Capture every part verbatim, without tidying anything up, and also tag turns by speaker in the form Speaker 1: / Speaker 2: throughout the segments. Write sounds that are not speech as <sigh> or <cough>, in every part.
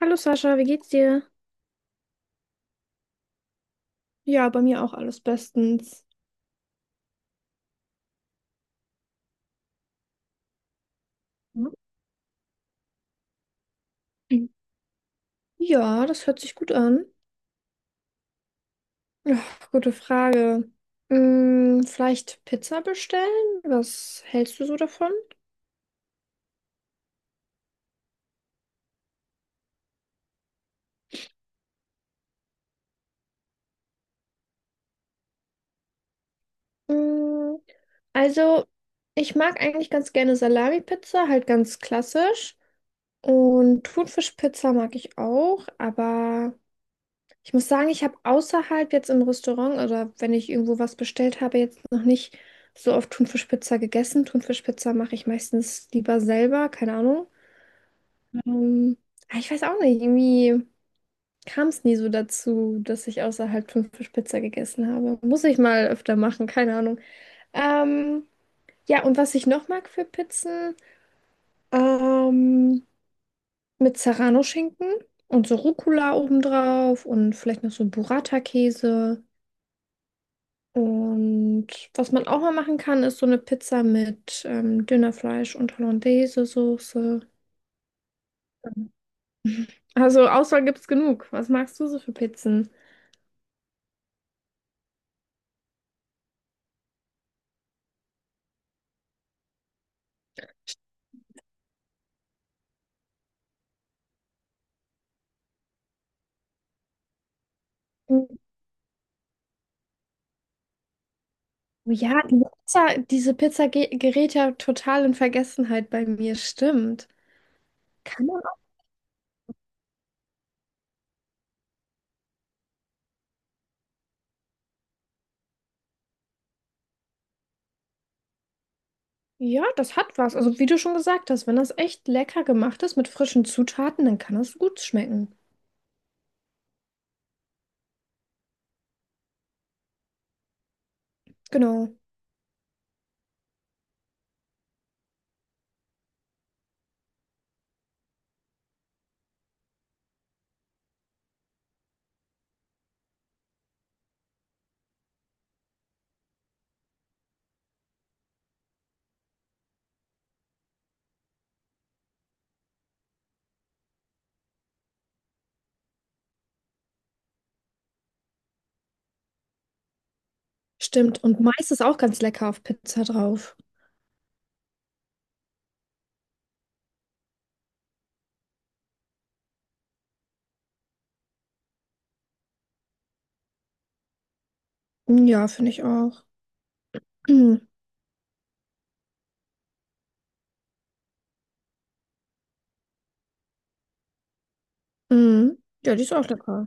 Speaker 1: Hallo Sascha, wie geht's dir? Ja, bei mir auch alles bestens. Mhm. Ja, das hört sich gut an. Ja, gute Frage. Mm, vielleicht Pizza bestellen? Was hältst du so davon? Mm, also, ich mag eigentlich ganz gerne Salami-Pizza, halt ganz klassisch. Und Thunfischpizza mag ich auch, aber ich muss sagen, ich habe außerhalb jetzt im Restaurant oder wenn ich irgendwo was bestellt habe, jetzt noch nicht so oft Thunfischpizza gegessen. Thunfischpizza mache ich meistens lieber selber, keine Ahnung. Ähm, aber ich weiß auch nicht, irgendwie kam es nie so dazu, dass ich außerhalb Thunfischpizza gegessen habe. Muss ich mal öfter machen, keine Ahnung. Ähm, ja, und was ich noch mag für Pizzen, ähm, mit Serrano-Schinken und so Rucola obendrauf und vielleicht noch so Burrata-Käse. Und was man auch mal machen kann, ist so eine Pizza mit ähm, Dönerfleisch und Hollandaise-Soße. Also Auswahl gibt's genug. Was magst du so für Pizzen? Mm, ja, diese Pizza, diese Pizza ge- gerät ja total in Vergessenheit bei mir, stimmt. Kann man auch? Ja, das hat was. Also wie du schon gesagt hast, wenn das echt lecker gemacht ist mit frischen Zutaten, dann kann das gut schmecken. Genau, stimmt. Und Mais ist auch ganz lecker auf Pizza drauf. Mm, ja, finde ich auch. <clears throat> Mhm. Ja, die ist auch lecker.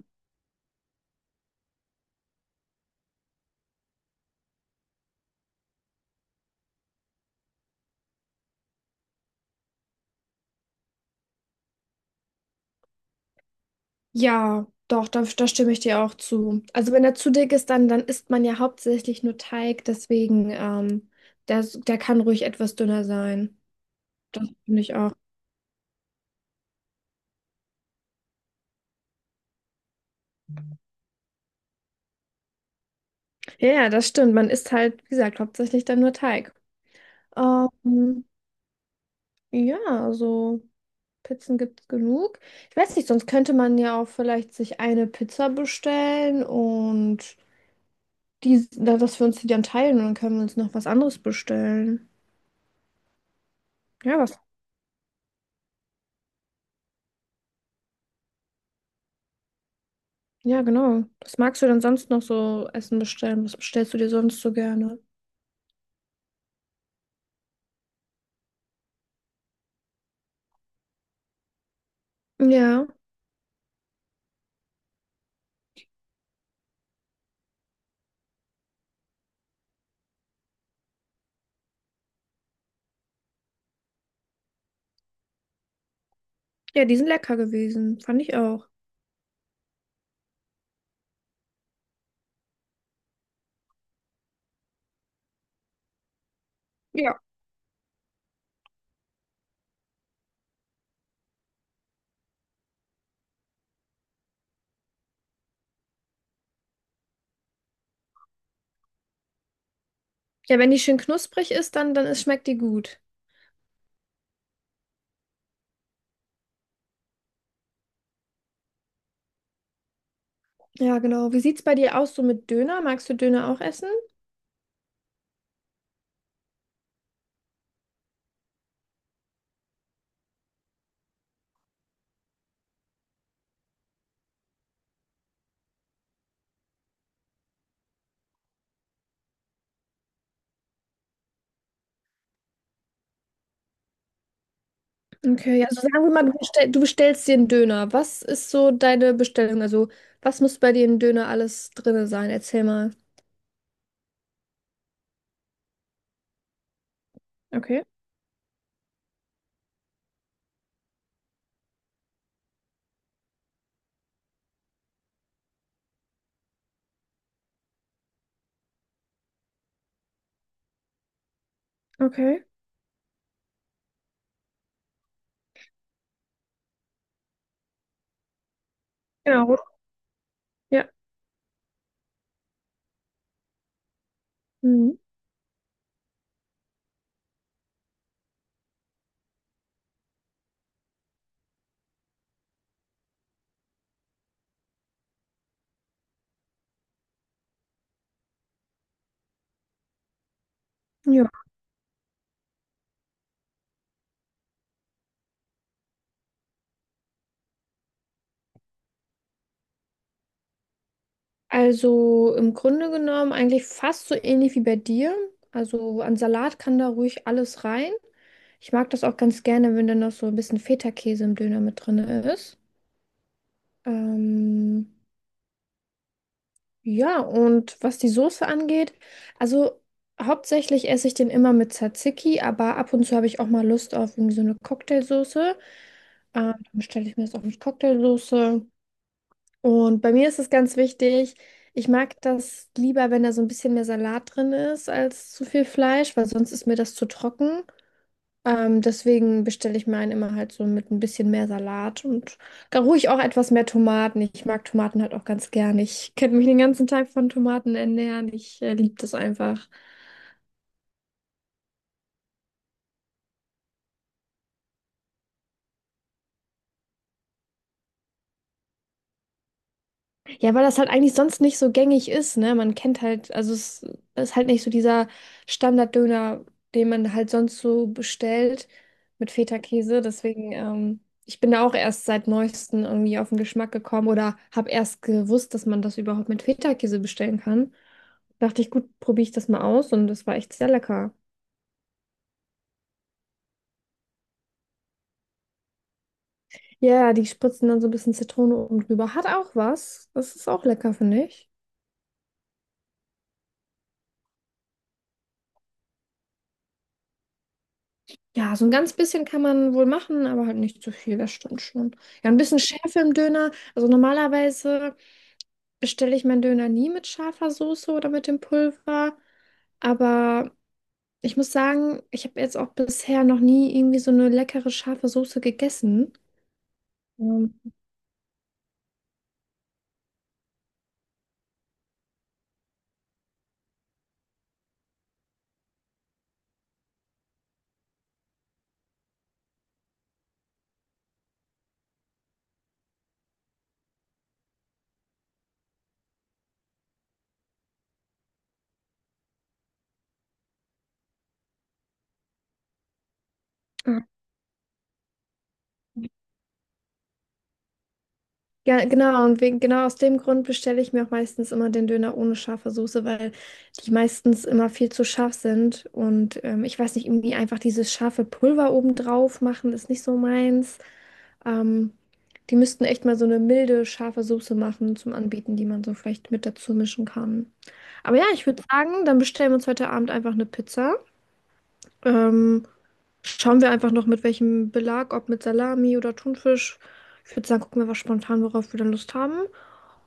Speaker 1: Ja, doch, da, da stimme ich dir auch zu. Also wenn er zu dick ist, dann, dann isst man ja hauptsächlich nur Teig, deswegen, ähm, der, der kann ruhig etwas dünner sein. Das finde ich auch. Ja, ja, das stimmt. Man isst halt, wie gesagt, hauptsächlich dann nur Teig. Ähm, ja, also Pizzen gibt es genug. Ich weiß nicht, sonst könnte man ja auch vielleicht sich eine Pizza bestellen und die, na, dass wir uns die dann teilen und dann können wir uns noch was anderes bestellen. Ja, was? Ja, genau. Was magst du denn sonst noch so Essen bestellen? Was bestellst du dir sonst so gerne? Ja, ja, die sind lecker gewesen. Fand ich auch. Ja. Ja, wenn die schön knusprig ist, dann, dann ist, schmeckt die gut. Ja, genau. Wie sieht's bei dir aus so mit Döner? Magst du Döner auch essen? Okay, ja, also sagen wir mal, du bestell, du bestellst dir einen Döner. Was ist so deine Bestellung? Also, was muss bei dir im Döner alles drin sein? Erzähl mal. Okay. Okay. Genau. Ja. Mhm. Ja. Also im Grunde genommen eigentlich fast so ähnlich wie bei dir. Also an Salat kann da ruhig alles rein. Ich mag das auch ganz gerne, wenn da noch so ein bisschen Feta-Käse im Döner mit drin ist. Ähm, ja, und was die Soße angeht, also hauptsächlich esse ich den immer mit Tzatziki, aber ab und zu habe ich auch mal Lust auf irgendwie so eine Cocktailsoße. Ähm, dann bestelle ich mir das auch mit Cocktailsoße. Und bei mir ist es ganz wichtig, ich mag das lieber, wenn da so ein bisschen mehr Salat drin ist, als zu viel Fleisch, weil sonst ist mir das zu trocken. Ähm, deswegen bestelle ich meinen immer halt so mit ein bisschen mehr Salat und gar ruhig auch etwas mehr Tomaten. Ich mag Tomaten halt auch ganz gern. Ich könnte mich den ganzen Tag von Tomaten ernähren. Ich äh, liebe das einfach. Ja, weil das halt eigentlich sonst nicht so gängig ist, ne? Man kennt halt, also es ist halt nicht so dieser Standarddöner, den man halt sonst so bestellt mit Feta-Käse. Deswegen, ähm, ich bin da auch erst seit neuestem irgendwie auf den Geschmack gekommen oder habe erst gewusst, dass man das überhaupt mit Feta-Käse bestellen kann. Dachte ich, gut, probiere ich das mal aus und das war echt sehr lecker. Ja, die spritzen dann so ein bisschen Zitrone oben drüber. Hat auch was. Das ist auch lecker, finde ich. Ja, so ein ganz bisschen kann man wohl machen, aber halt nicht zu viel, das stimmt schon. Ja, ein bisschen Schärfe im Döner. Also normalerweise bestelle ich meinen Döner nie mit scharfer Soße oder mit dem Pulver. Aber ich muss sagen, ich habe jetzt auch bisher noch nie irgendwie so eine leckere scharfe Soße gegessen. Ähm, Ja, genau, und wegen, genau aus dem Grund bestelle ich mir auch meistens immer den Döner ohne scharfe Soße, weil die meistens immer viel zu scharf sind. Und ähm, ich weiß nicht, irgendwie einfach dieses scharfe Pulver obendrauf machen, ist nicht so meins. Ähm, Die müssten echt mal so eine milde, scharfe Soße machen zum Anbieten, die man so vielleicht mit dazu mischen kann. Aber ja, ich würde sagen, dann bestellen wir uns heute Abend einfach eine Pizza. Ähm, Schauen wir einfach noch mit welchem Belag, ob mit Salami oder Thunfisch. Ich würde sagen, gucken wir was spontan, worauf wir dann Lust haben.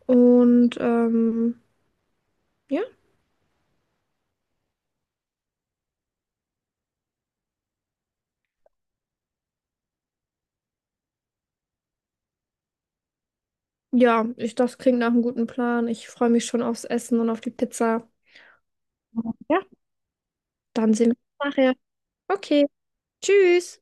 Speaker 1: Und ähm, ja, ja, ich, das klingt nach einem guten Plan. Ich freue mich schon aufs Essen und auf die Pizza. Ja. Dann sehen wir uns nachher. Okay, tschüss.